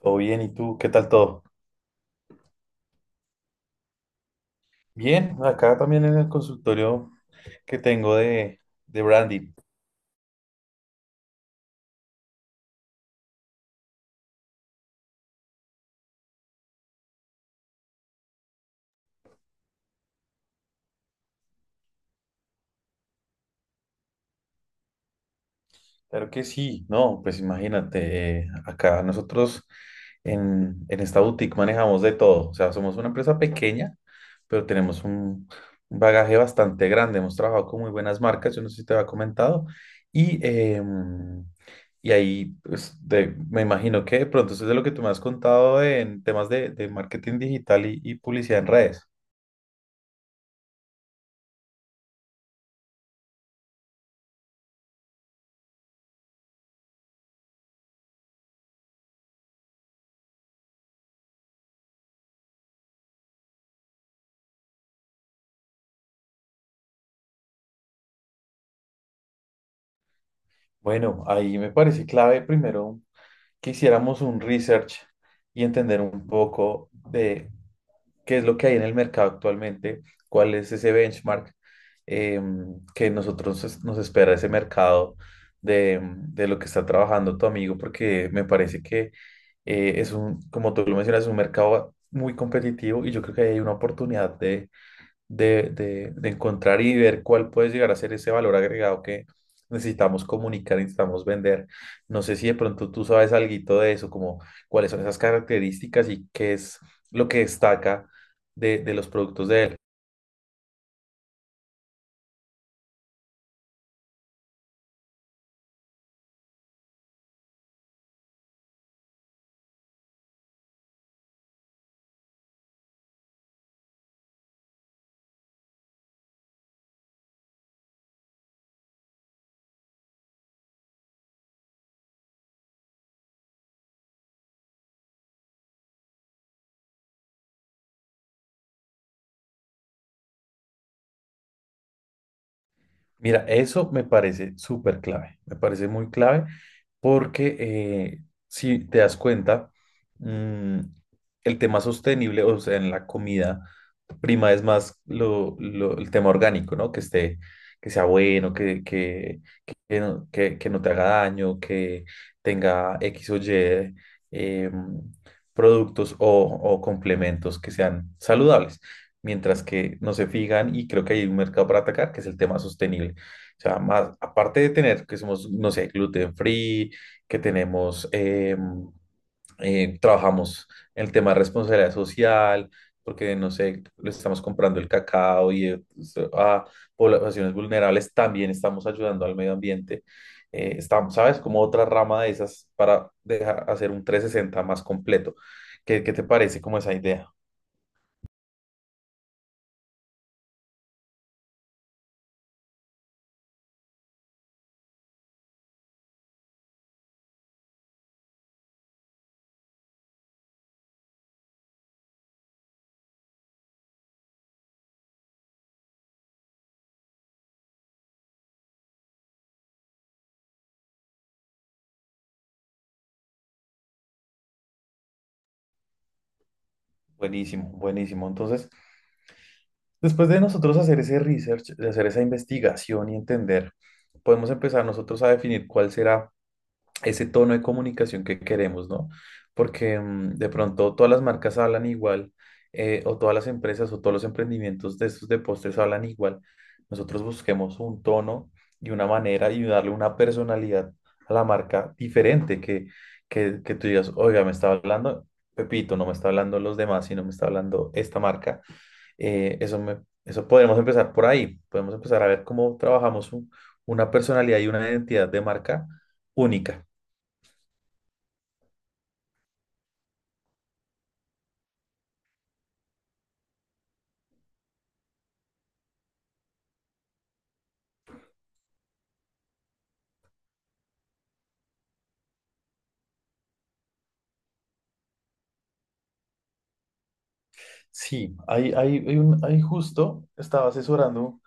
Todo bien, ¿y tú? ¿Qué tal todo? Bien, acá también en el consultorio que tengo de branding. Claro que sí, no, pues imagínate, acá nosotros en esta boutique manejamos de todo. O sea, somos una empresa pequeña, pero tenemos un bagaje bastante grande. Hemos trabajado con muy buenas marcas, yo no sé si te había comentado. Y, em, y ahí, pues, me imagino que de pronto eso es de lo que tú me has contado en temas de marketing digital y publicidad en redes. Bueno, ahí me parece clave primero que hiciéramos un research y entender un poco de qué es lo que hay en el mercado actualmente, cuál es ese benchmark que nos espera ese mercado de lo que está trabajando tu amigo, porque me parece que es un, como tú lo mencionas, es un mercado muy competitivo y yo creo que hay una oportunidad de encontrar y ver cuál puede llegar a ser ese valor agregado que necesitamos comunicar, y necesitamos vender. No sé si de pronto tú sabes algo de eso, como cuáles son esas características y qué es lo que destaca de los productos de él. Mira, eso me parece súper clave, me parece muy clave porque si te das cuenta, mm, el tema sostenible, o sea, en la comida prima es más el tema orgánico, ¿no? Que esté, que sea bueno, no, que no te haga daño, que tenga X o Y em, productos o complementos que sean saludables mientras que no se fijan y creo que hay un mercado para atacar, que es el tema sostenible. O sea, más, aparte de tener que somos, no sé, gluten free, que tenemos, trabajamos en el tema de responsabilidad social, porque, no sé, le estamos comprando el cacao y pues, a poblaciones vulnerables, también estamos ayudando al medio ambiente. Estamos, ¿sabes? Como otra rama de esas para dejar, hacer un 360 más completo. ¿Qué, qué te parece como esa idea? Buenísimo, buenísimo. Entonces, después de nosotros hacer ese research, de hacer esa investigación y entender, podemos empezar nosotros a definir cuál será ese tono de comunicación que queremos, ¿no? Porque de pronto todas las marcas hablan igual, o todas las empresas o todos los emprendimientos de estos de postres hablan igual. Nosotros busquemos un tono y una manera y darle una personalidad a la marca diferente, que tú digas, oiga, me está hablando Pepito, no me está hablando los demás, sino me está hablando esta marca. Eso podemos empezar por ahí. Podemos empezar a ver cómo trabajamos una personalidad y una identidad de marca única. Sí, hay justo estaba asesorando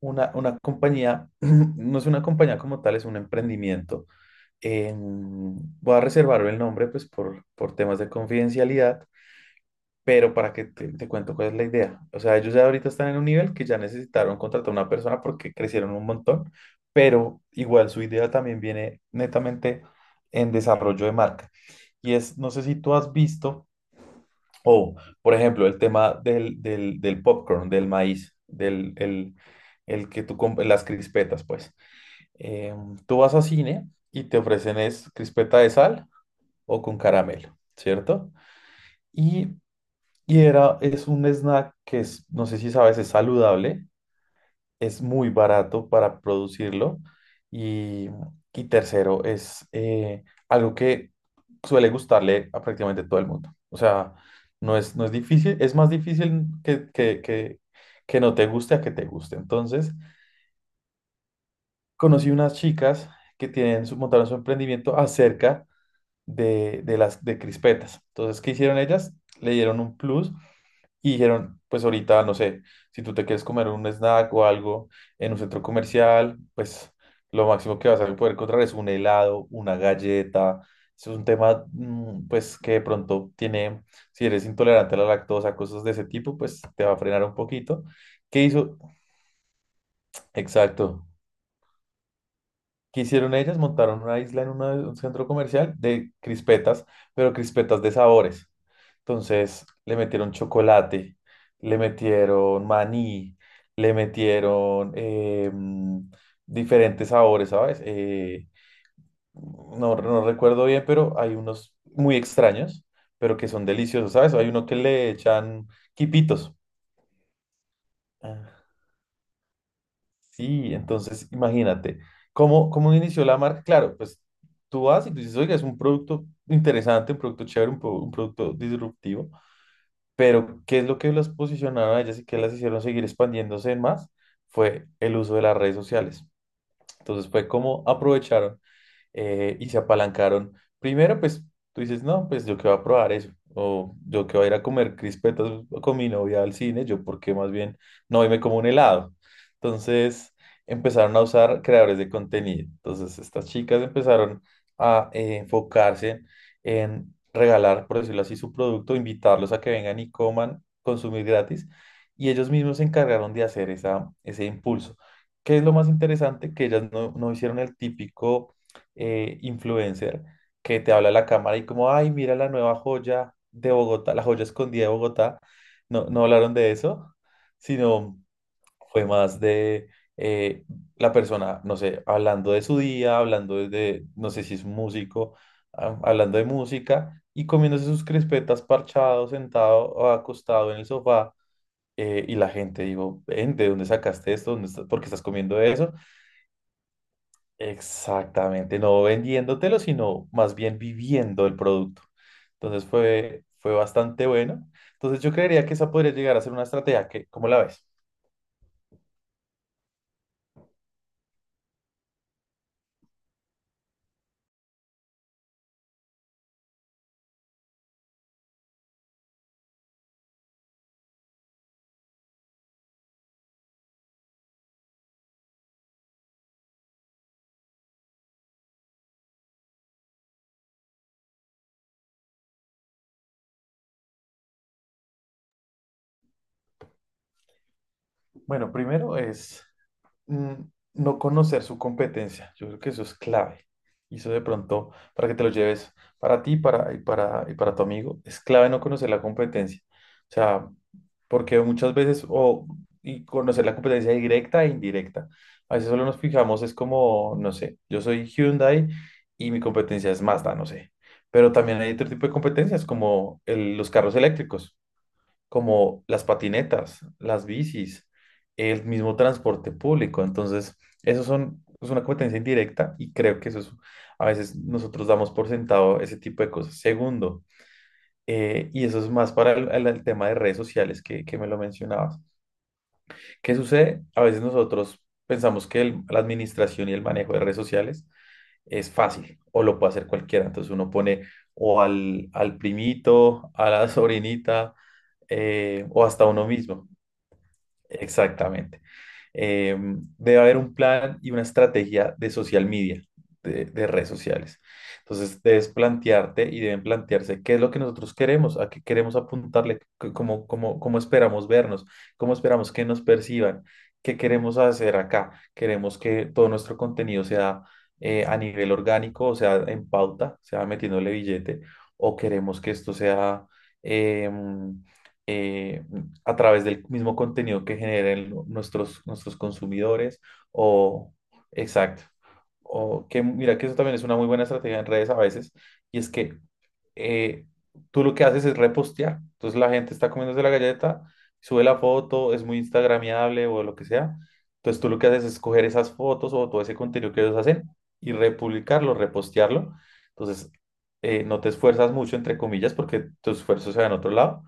una compañía, no es una compañía como tal, es un emprendimiento. Voy a reservar el nombre pues por temas de confidencialidad. Pero para que te cuento cuál es la idea. O sea, ellos ya ahorita están en un nivel que ya necesitaron contratar a una persona porque crecieron un montón, pero igual su idea también viene netamente en desarrollo de marca. Y es, no sé si tú has visto, o por ejemplo, el tema del popcorn, del maíz, el que tú compras, las crispetas, pues. Tú vas a cine y te ofrecen es crispeta de sal o con caramelo, ¿cierto? Y y era, es un snack que es, no sé si sabes, es saludable, es muy barato para producirlo y, y tercero, es algo que suele gustarle a prácticamente todo el mundo. O sea, no es difícil, es más difícil que no te guste a que te guste. Entonces, conocí unas chicas que tienen su, montaron su emprendimiento acerca de las de crispetas. Entonces, ¿qué hicieron ellas? Le dieron un plus y dijeron, pues ahorita, no sé, si tú te quieres comer un snack o algo en un centro comercial, pues lo máximo que vas a poder encontrar es un helado, una galleta. Es un tema, pues, que de pronto tiene, si eres intolerante a la lactosa, cosas de ese tipo, pues te va a frenar un poquito. ¿Qué hizo? Exacto. ¿Qué hicieron ellas? Montaron una isla en un centro comercial de crispetas, pero crispetas de sabores. Entonces le metieron chocolate, le metieron maní, le metieron diferentes sabores, ¿sabes? No, no recuerdo bien, pero hay unos muy extraños, pero que son deliciosos, ¿sabes? Hay uno que le echan quipitos. Sí, entonces imagínate, ¿cómo, cómo inició la marca? Claro, pues tú vas y tú dices, oiga, es un producto interesante, un producto chévere, un producto disruptivo, pero ¿qué es lo que las posicionaron a ellas y qué las hicieron seguir expandiéndose en más? Fue el uso de las redes sociales. Entonces fue como aprovecharon y se apalancaron. Primero, pues tú dices, no, pues yo que voy a probar eso, o yo que voy a ir a comer crispetas con mi novia al cine, yo porque más bien no hoy me como un helado. Entonces empezaron a usar creadores de contenido. Entonces estas chicas empezaron a enfocarse en regalar, por decirlo así, su producto, invitarlos a que vengan y coman, consumir gratis. Y ellos mismos se encargaron de hacer esa, ese impulso. ¿Qué es lo más interesante? Que ellas no, no hicieron el típico influencer que te habla a la cámara y como, ay, mira la nueva joya de Bogotá, la joya escondida de Bogotá. No, no hablaron de eso, sino fue más de eh, la persona, no sé, hablando de su día, hablando de, no sé si es músico, ah, hablando de música y comiéndose sus crispetas parchado, sentado o acostado en el sofá. Y la gente, digo, "Ven, ¿de dónde sacaste esto? ¿Dónde estás? ¿Por qué estás comiendo eso?" Exactamente, no vendiéndotelo, sino más bien viviendo el producto. Entonces fue, fue bastante bueno. Entonces yo creería que esa podría llegar a ser una estrategia que, ¿cómo la ves? Bueno, primero es mm, no conocer su competencia. Yo creo que eso es clave. Y eso de pronto, para que te lo lleves para ti para tu amigo, es clave no conocer la competencia. O sea, porque muchas veces, o, y conocer la competencia directa e indirecta. A veces solo nos fijamos, es como, no sé, yo soy Hyundai y mi competencia es Mazda, no sé. Pero también hay otro tipo de competencias como los carros eléctricos, como las patinetas, las bicis, el mismo transporte público. Entonces, eso son, es una competencia indirecta y creo que eso es, a veces nosotros damos por sentado ese tipo de cosas. Segundo, y eso es más para el tema de redes sociales que me lo mencionabas. ¿Qué sucede? A veces nosotros pensamos que la administración y el manejo de redes sociales es fácil o lo puede hacer cualquiera. Entonces uno pone o al primito, a la sobrinita o hasta uno mismo. Exactamente. Eh, Debe haber un plan y una estrategia de social media, de redes sociales. Entonces, debes plantearte y deben plantearse qué es lo que nosotros queremos, a qué queremos apuntarle, cómo esperamos vernos, cómo esperamos que nos perciban, qué queremos hacer acá. Queremos que todo nuestro contenido sea a nivel orgánico, o sea, en pauta, sea metiéndole billete, o queremos que esto sea... em, eh, a través del mismo contenido que generen nuestros consumidores, o, exacto, o que mira que eso también es una muy buena estrategia en redes a veces y es que eh, tú lo que haces es repostear, entonces la gente está comiéndose la galleta, sube la foto, es muy instagramiable o lo que sea, entonces tú lo que haces es coger esas fotos o todo ese contenido que ellos hacen y republicarlo, repostearlo, entonces no te esfuerzas mucho entre comillas porque tu esfuerzo se va en otro lado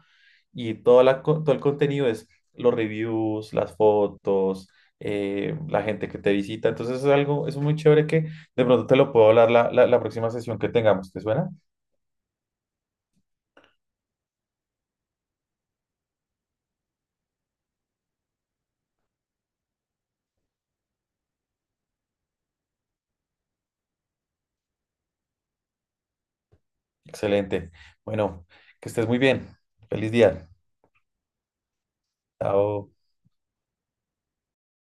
y todo el contenido es los reviews, las fotos, la gente que te visita. Entonces es algo, es muy chévere que de pronto te lo puedo hablar la próxima sesión que tengamos. ¿Te suena? Excelente. Bueno, que estés muy bien. Feliz día. Chao.